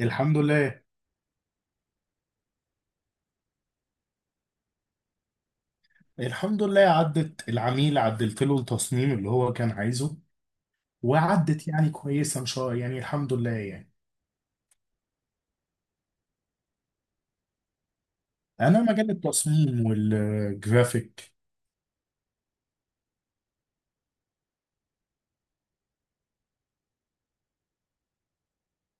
الحمد لله. الحمد لله عدت العميل، عدلت له التصميم اللي هو كان عايزه، وعدت يعني كويسه ان شاء الله يعني الحمد لله يعني. انا مجال التصميم والجرافيك،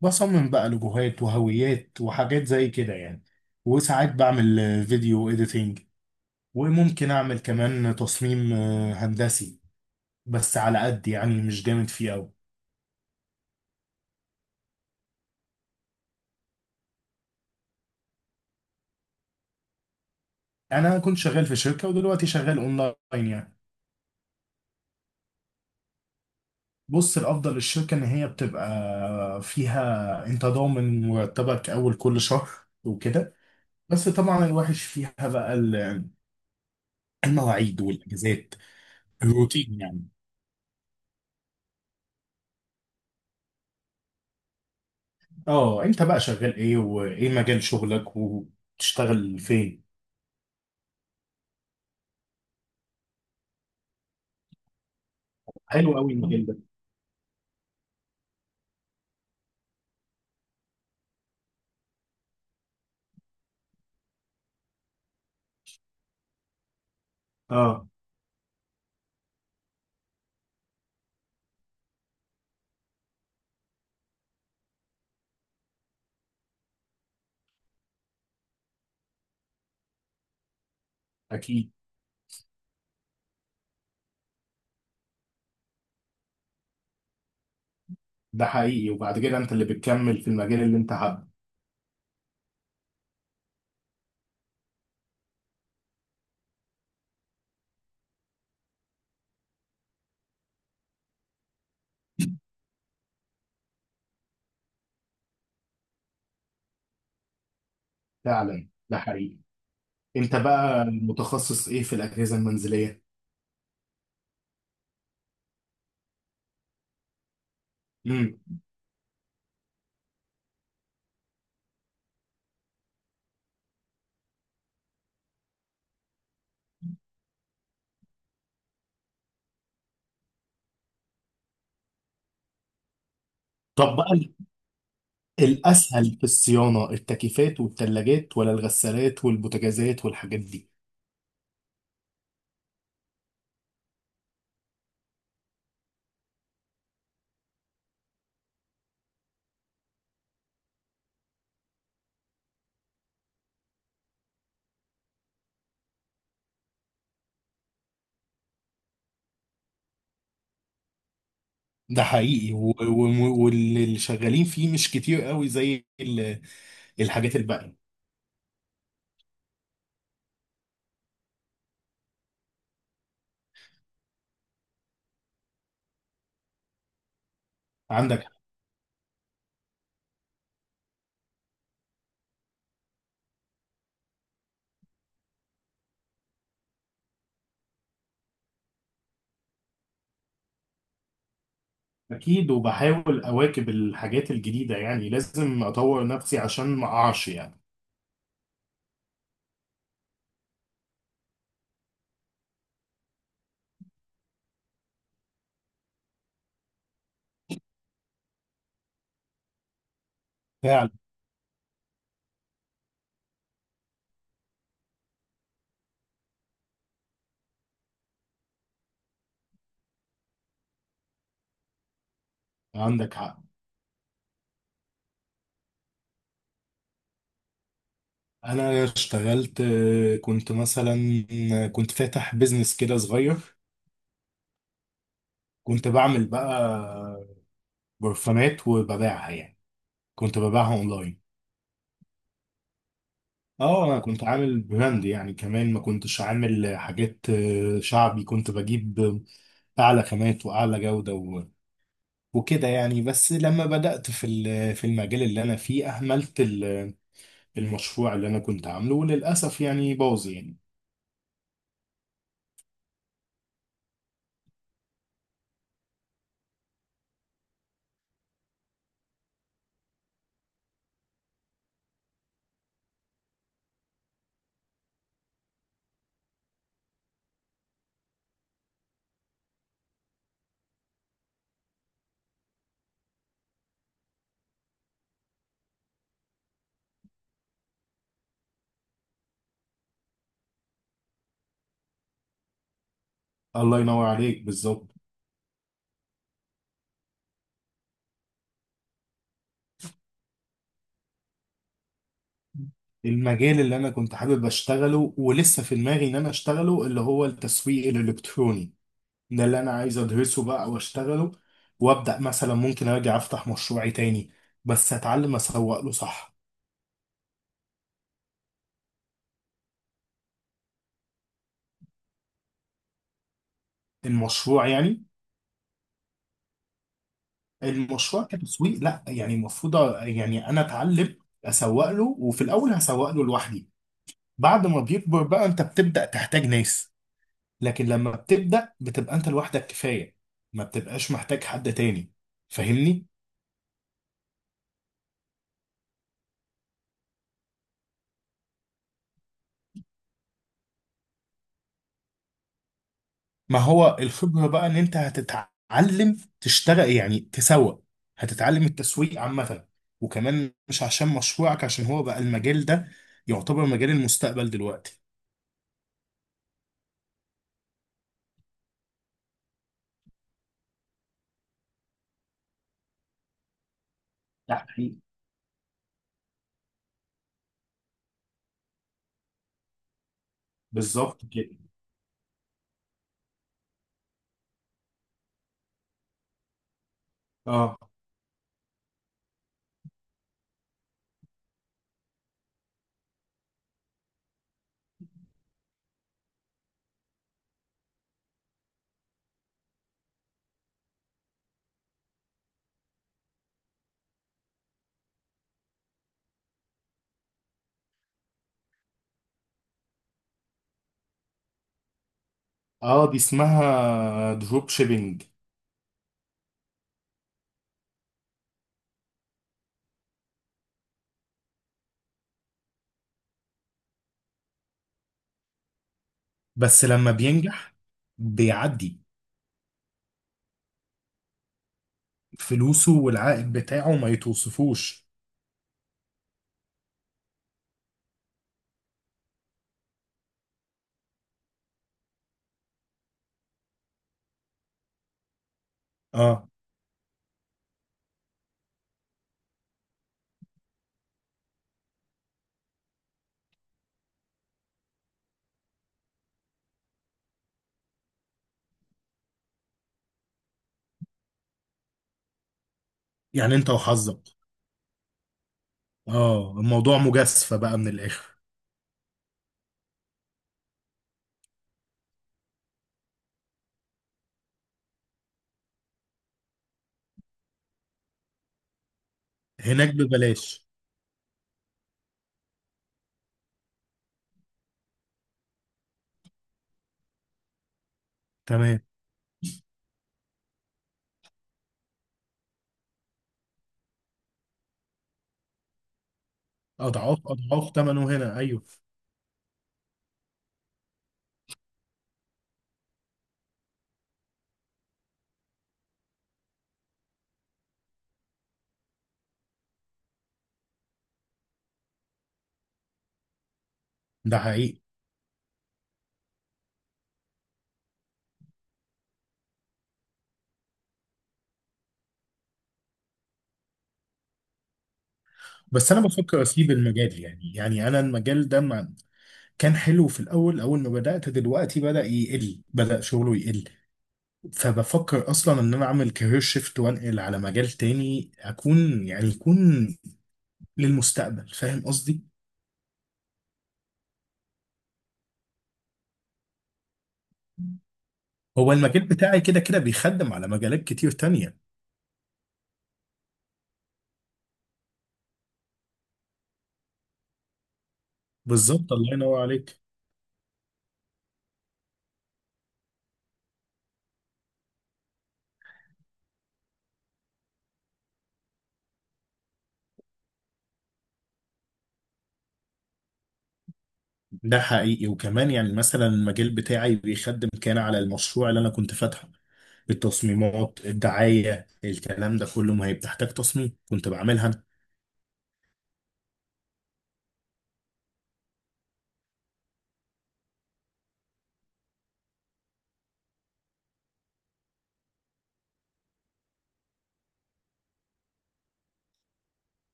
بصمم بقى لوجوهات وهويات وحاجات زي كده يعني. وساعات بعمل فيديو اديتنج، وممكن اعمل كمان تصميم هندسي، بس على قد يعني مش جامد فيه قوي. انا كنت شغال في شركه، ودلوقتي شغال اونلاين يعني. بص الافضل للشركه ان هي بتبقى فيها انت ضامن مرتبك اول كل شهر وكده. بس طبعا الوحش فيها بقى المواعيد والاجازات، الروتين يعني. اه، انت بقى شغال ايه، وايه مجال شغلك وتشتغل فين؟ حلو قوي المجال ده. اه، اكيد. ده حقيقي، وبعد كده انت اللي بتكمل في المجال اللي انت حابه. فعلا، ده حقيقي. انت بقى متخصص ايه في الاجهزه المنزليه؟ امم طب بقى، الأسهل في الصيانة التكييفات والتلاجات، ولا الغسالات والبوتاجازات والحاجات دي؟ ده حقيقي، و- و- واللي شغالين فيه مش كتير قوي زي الحاجات الباقية. عندك حق. أكيد، وبحاول أواكب الحاجات الجديدة، يعني لازم أطور نفسي عشان ما أقعش يعني. فعلا. عندك حق. أنا اشتغلت، كنت مثلا، كنت فاتح بيزنس كده صغير. كنت بعمل بقى برفانات وببيعها يعني، كنت ببيعها أونلاين. اه، انا كنت عامل براند يعني، كمان ما كنتش عامل حاجات شعبي، كنت بجيب اعلى خامات واعلى جودة وكده يعني. بس لما بدأت في المجال اللي انا فيه اهملت المشروع اللي انا كنت عامله، وللاسف يعني باظ يعني. الله ينور عليك، بالظبط. المجال اللي انا كنت حابب اشتغله ولسه في دماغي ان انا اشتغله اللي هو التسويق الالكتروني. ده اللي انا عايز ادرسه بقى واشتغله، وابدا مثلا ممكن ارجع افتح مشروعي تاني، بس اتعلم اسوق له صح. المشروع يعني؟ المشروع كتسويق، لا يعني المفروض، يعني انا اتعلم اسوق له، وفي الاول هسوق له لوحدي. بعد ما بيكبر بقى انت بتبدا تحتاج ناس، لكن لما بتبدا بتبقى انت لوحدك كفايه، ما بتبقاش محتاج حد تاني. فاهمني؟ ما هو الخبرة بقى ان انت هتتعلم تشتغل يعني تسوق، هتتعلم التسويق عامة. وكمان مش عشان مشروعك، عشان هو بقى المجال ده يعتبر مجال المستقبل دلوقتي. ده حقيقي. بالظبط كده. اه، اه، دي اسمها دروب شيبينج. بس لما بينجح بيعدي. فلوسه والعائد بتاعه ما يتوصفوش. اه، يعني انت وحظك. اه، الموضوع مجازفة بقى من الاخر. هناك ببلاش. تمام. اضعاف اضعاف ثمنه هنا، ايوه. ده حقيقي. بس انا بفكر اسيب المجال، يعني يعني انا المجال ده ما كان حلو، في الاول اول ما بدات دلوقتي بدا يقل، بدا شغله يقل. فبفكر اصلا ان انا اعمل كارير شيفت وانقل على مجال تاني، اكون يعني يكون للمستقبل. فاهم قصدي؟ هو المجال بتاعي كده كده بيخدم على مجالات كتير تانية. بالظبط، الله ينور عليك. ده حقيقي، وكمان يعني مثلا المجال بتاعي بيخدم كان على المشروع اللي انا كنت فاتحه، التصميمات الدعاية الكلام ده كله، ما هي بتحتاج تصميم كنت بعملها أنا.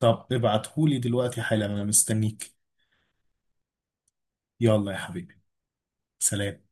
طب ابعتهولي دلوقتي حالا، أنا مستنيك. يلا يا حبيبي. سلام.